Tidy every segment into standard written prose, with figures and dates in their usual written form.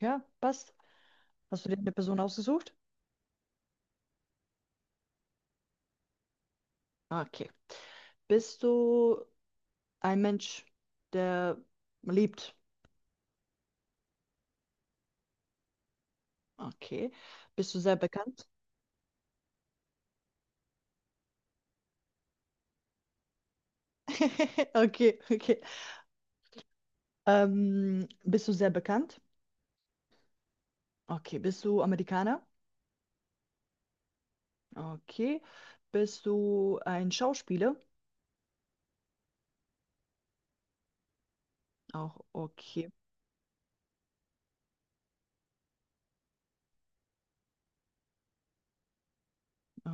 Ja, passt. Hast du dir eine Person ausgesucht? Ah, Okay. Bist du ein Mensch, der liebt? Okay. Bist du sehr bekannt? Okay, okay. Bist du sehr bekannt? Okay. Bist du Amerikaner? Okay. Bist du ein Schauspieler? Auch okay,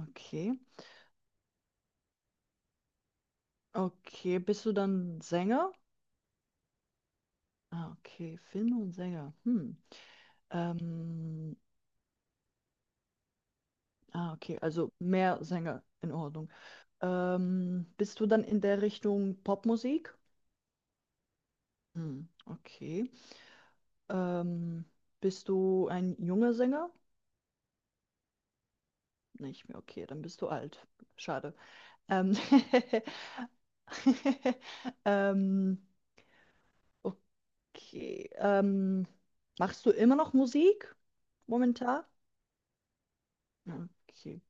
okay. Okay. Bist du dann Sänger? Ah, okay. Film und Sänger. Hm. Ähm, ah, okay. Also mehr Sänger in Ordnung. Bist du dann in der Richtung Popmusik? Hm, okay. Ähm, bist du ein junger Sänger? Nicht mehr, okay, dann bist du alt. Schade. Ähm, ähm, okay. Machst du immer noch Musik momentan? Okay.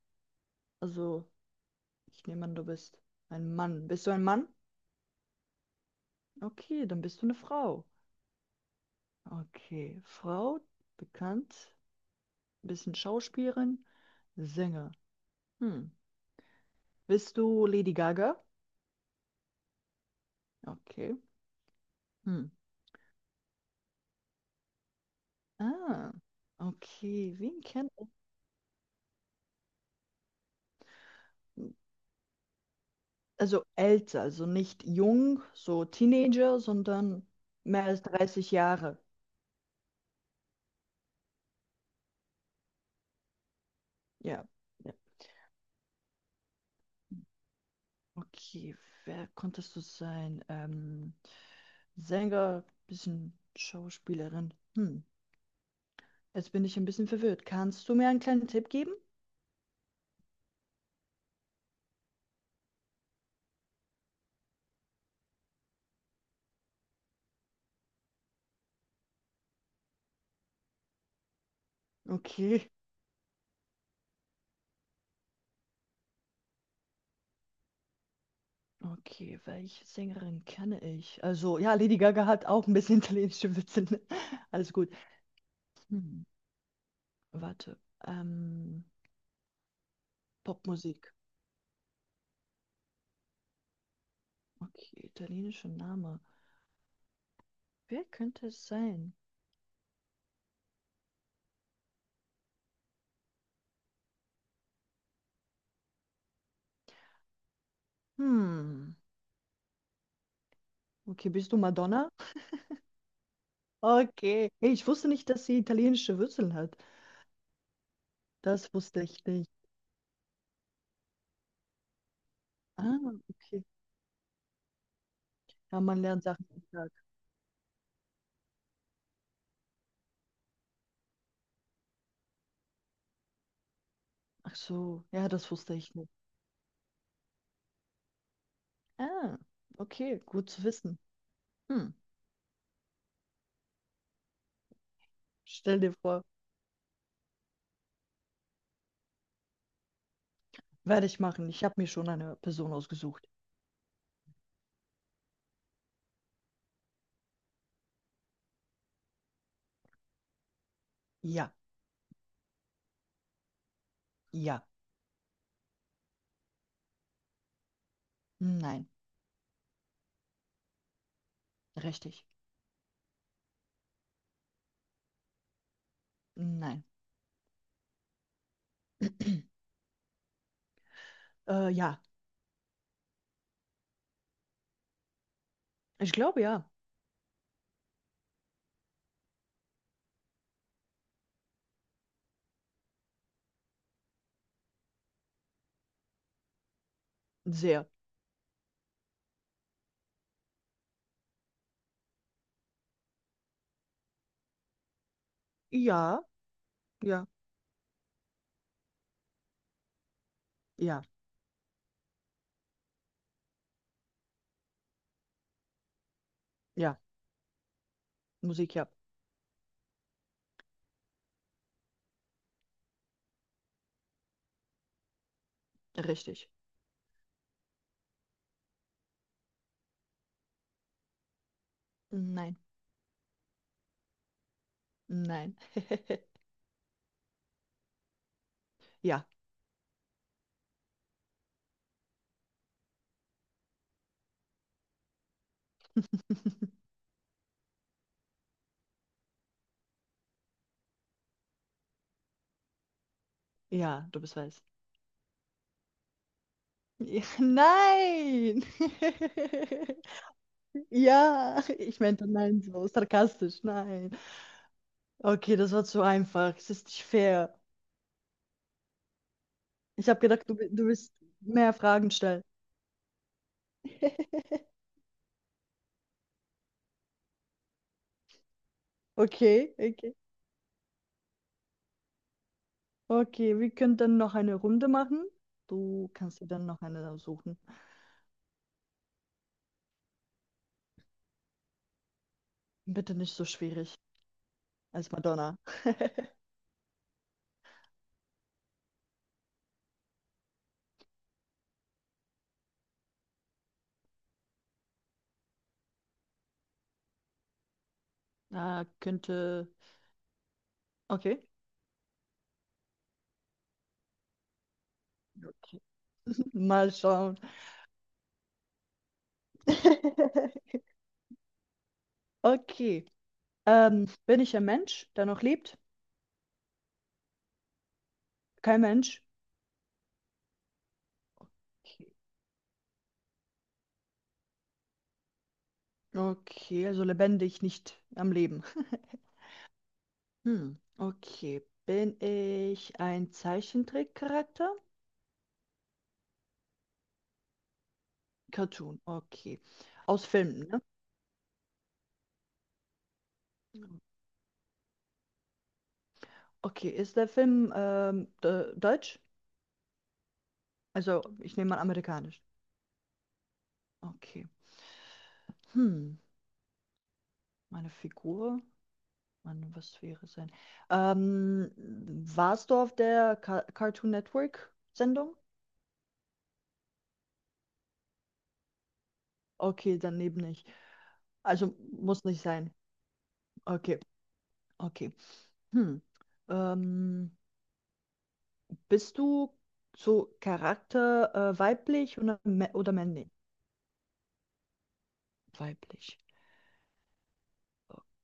Also, ich nehme an, du bist ein Mann. Bist du ein Mann? Okay, dann bist du eine Frau. Okay. Frau, bekannt, bisschen Schauspielerin. Sänger. Hm. Bist du Lady Gaga? Okay. Hm. Ah, okay. Wen kennt. Also älter, also nicht jung, so Teenager, sondern mehr als 30 Jahre. Ja. Ja. Okay, wer konntest du sein? Sänger, bisschen Schauspielerin. Hm. Jetzt bin ich ein bisschen verwirrt. Kannst du mir einen kleinen Tipp geben? Okay. Okay, welche Sängerin kenne ich? Also, ja, Lady Gaga hat auch ein bisschen italienische Witze. Ne? Alles gut. Hm, warte. Ähm, Popmusik. Okay, italienischer Name. Wer könnte es sein? Hm. Okay, bist du Madonna? Okay. Hey, ich wusste nicht, dass sie italienische Wurzeln hat. Das wusste ich nicht. Ah, okay. Ja, man lernt Sachen am Tag. Ach so, ja, das wusste ich nicht. Ah, okay, gut zu wissen. Hm. Stell dir vor. Werde ich machen. Ich habe mir schon eine Person ausgesucht. Ja, ja, nein, richtig, nein. Ja, ich glaube ja. Sehr. Ja, ja, ja, ja. Musik ja. Richtig. Nein, nein. Ja, ja, du bist weiß. Ja, nein! Ja, ich meinte nein, so sarkastisch, nein. Okay, das war zu einfach. Es ist nicht fair. Ich habe gedacht, du willst mehr Fragen stellen. Okay, okay. Okay, wir können dann noch eine Runde machen. Du kannst dir dann noch eine suchen. Bitte nicht so schwierig als Madonna. Ah, könnte. Okay. Okay. Mal schauen. Okay. Bin ich ein Mensch, der noch lebt? Kein Mensch. Okay, Okay, also lebendig, nicht am Leben. Hm, okay. Bin ich ein Zeichentrickcharakter? Cartoon, okay. Aus Filmen, ne? Okay, ist der Film deutsch? Also, ich nehme an, amerikanisch. Okay. Hm, meine Figur? Mann, was wäre sein? Ähm, warst du auf der Cartoon Network Sendung? Okay, dann eben nicht. Also, muss nicht sein. Okay, okay. Hm. Ähm, bist du so Charakter weiblich oder männlich? Weiblich.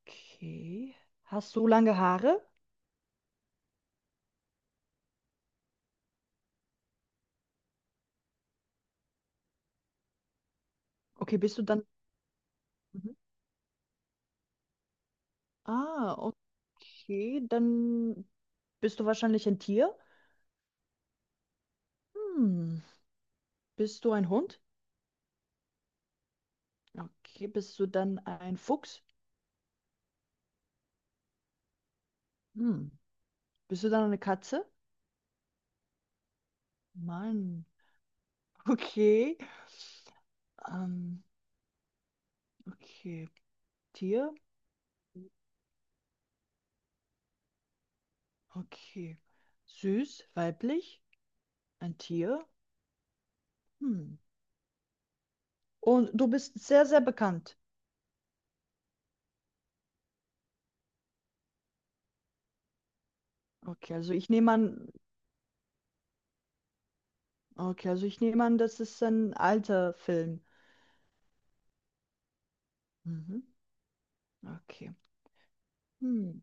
Okay. Hast du lange Haare? Okay, bist du dann. Mhm. Ah, okay. Dann bist du wahrscheinlich ein Tier. Hm. Bist du ein Hund? Okay. Bist du dann ein Fuchs? Hm. Bist du dann eine Katze? Mann. Okay. Ähm, okay. Tier? Okay. Süß, weiblich, ein Tier? Hm. Und du bist sehr, sehr bekannt. Okay, also ich nehme an, okay, also ich nehme an, das ist ein alter Film. Mhm. Okay. Hm.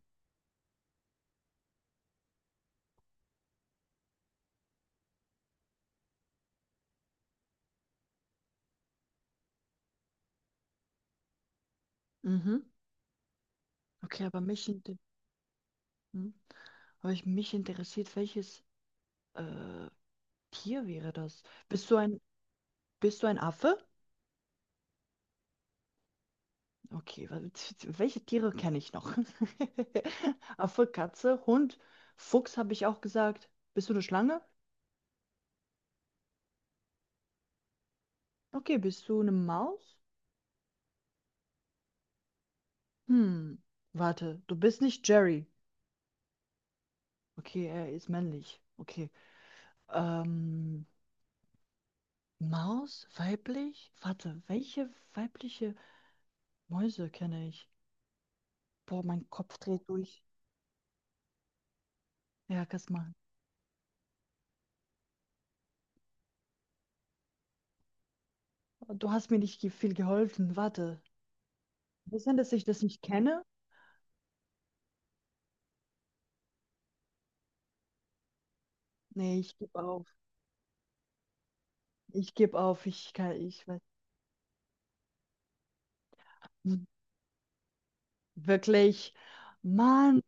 Mhm. Okay, aber mich, inter- hm? Aber mich interessiert, welches äh, Tier wäre das? Bist du ein, bist du ein Affe? Okay, welche Tiere kenne ich noch? Affe, Katze, Hund, Fuchs habe ich auch gesagt. Bist du eine Schlange? Okay, bist du eine Maus? Hm, warte, du bist nicht Jerry. Okay, er ist männlich. Okay. Ähm, Maus, weiblich? Warte, welche weibliche Mäuse kenne ich? Boah, mein Kopf dreht durch. Ja, kannst machen. Du hast mir nicht ge- viel geholfen. Warte. Wo ist denn, dass ich das nicht kenne? Nee, ich gebe auf. Ich gebe auf. Ich kann, ich weiß. Wirklich. Mann.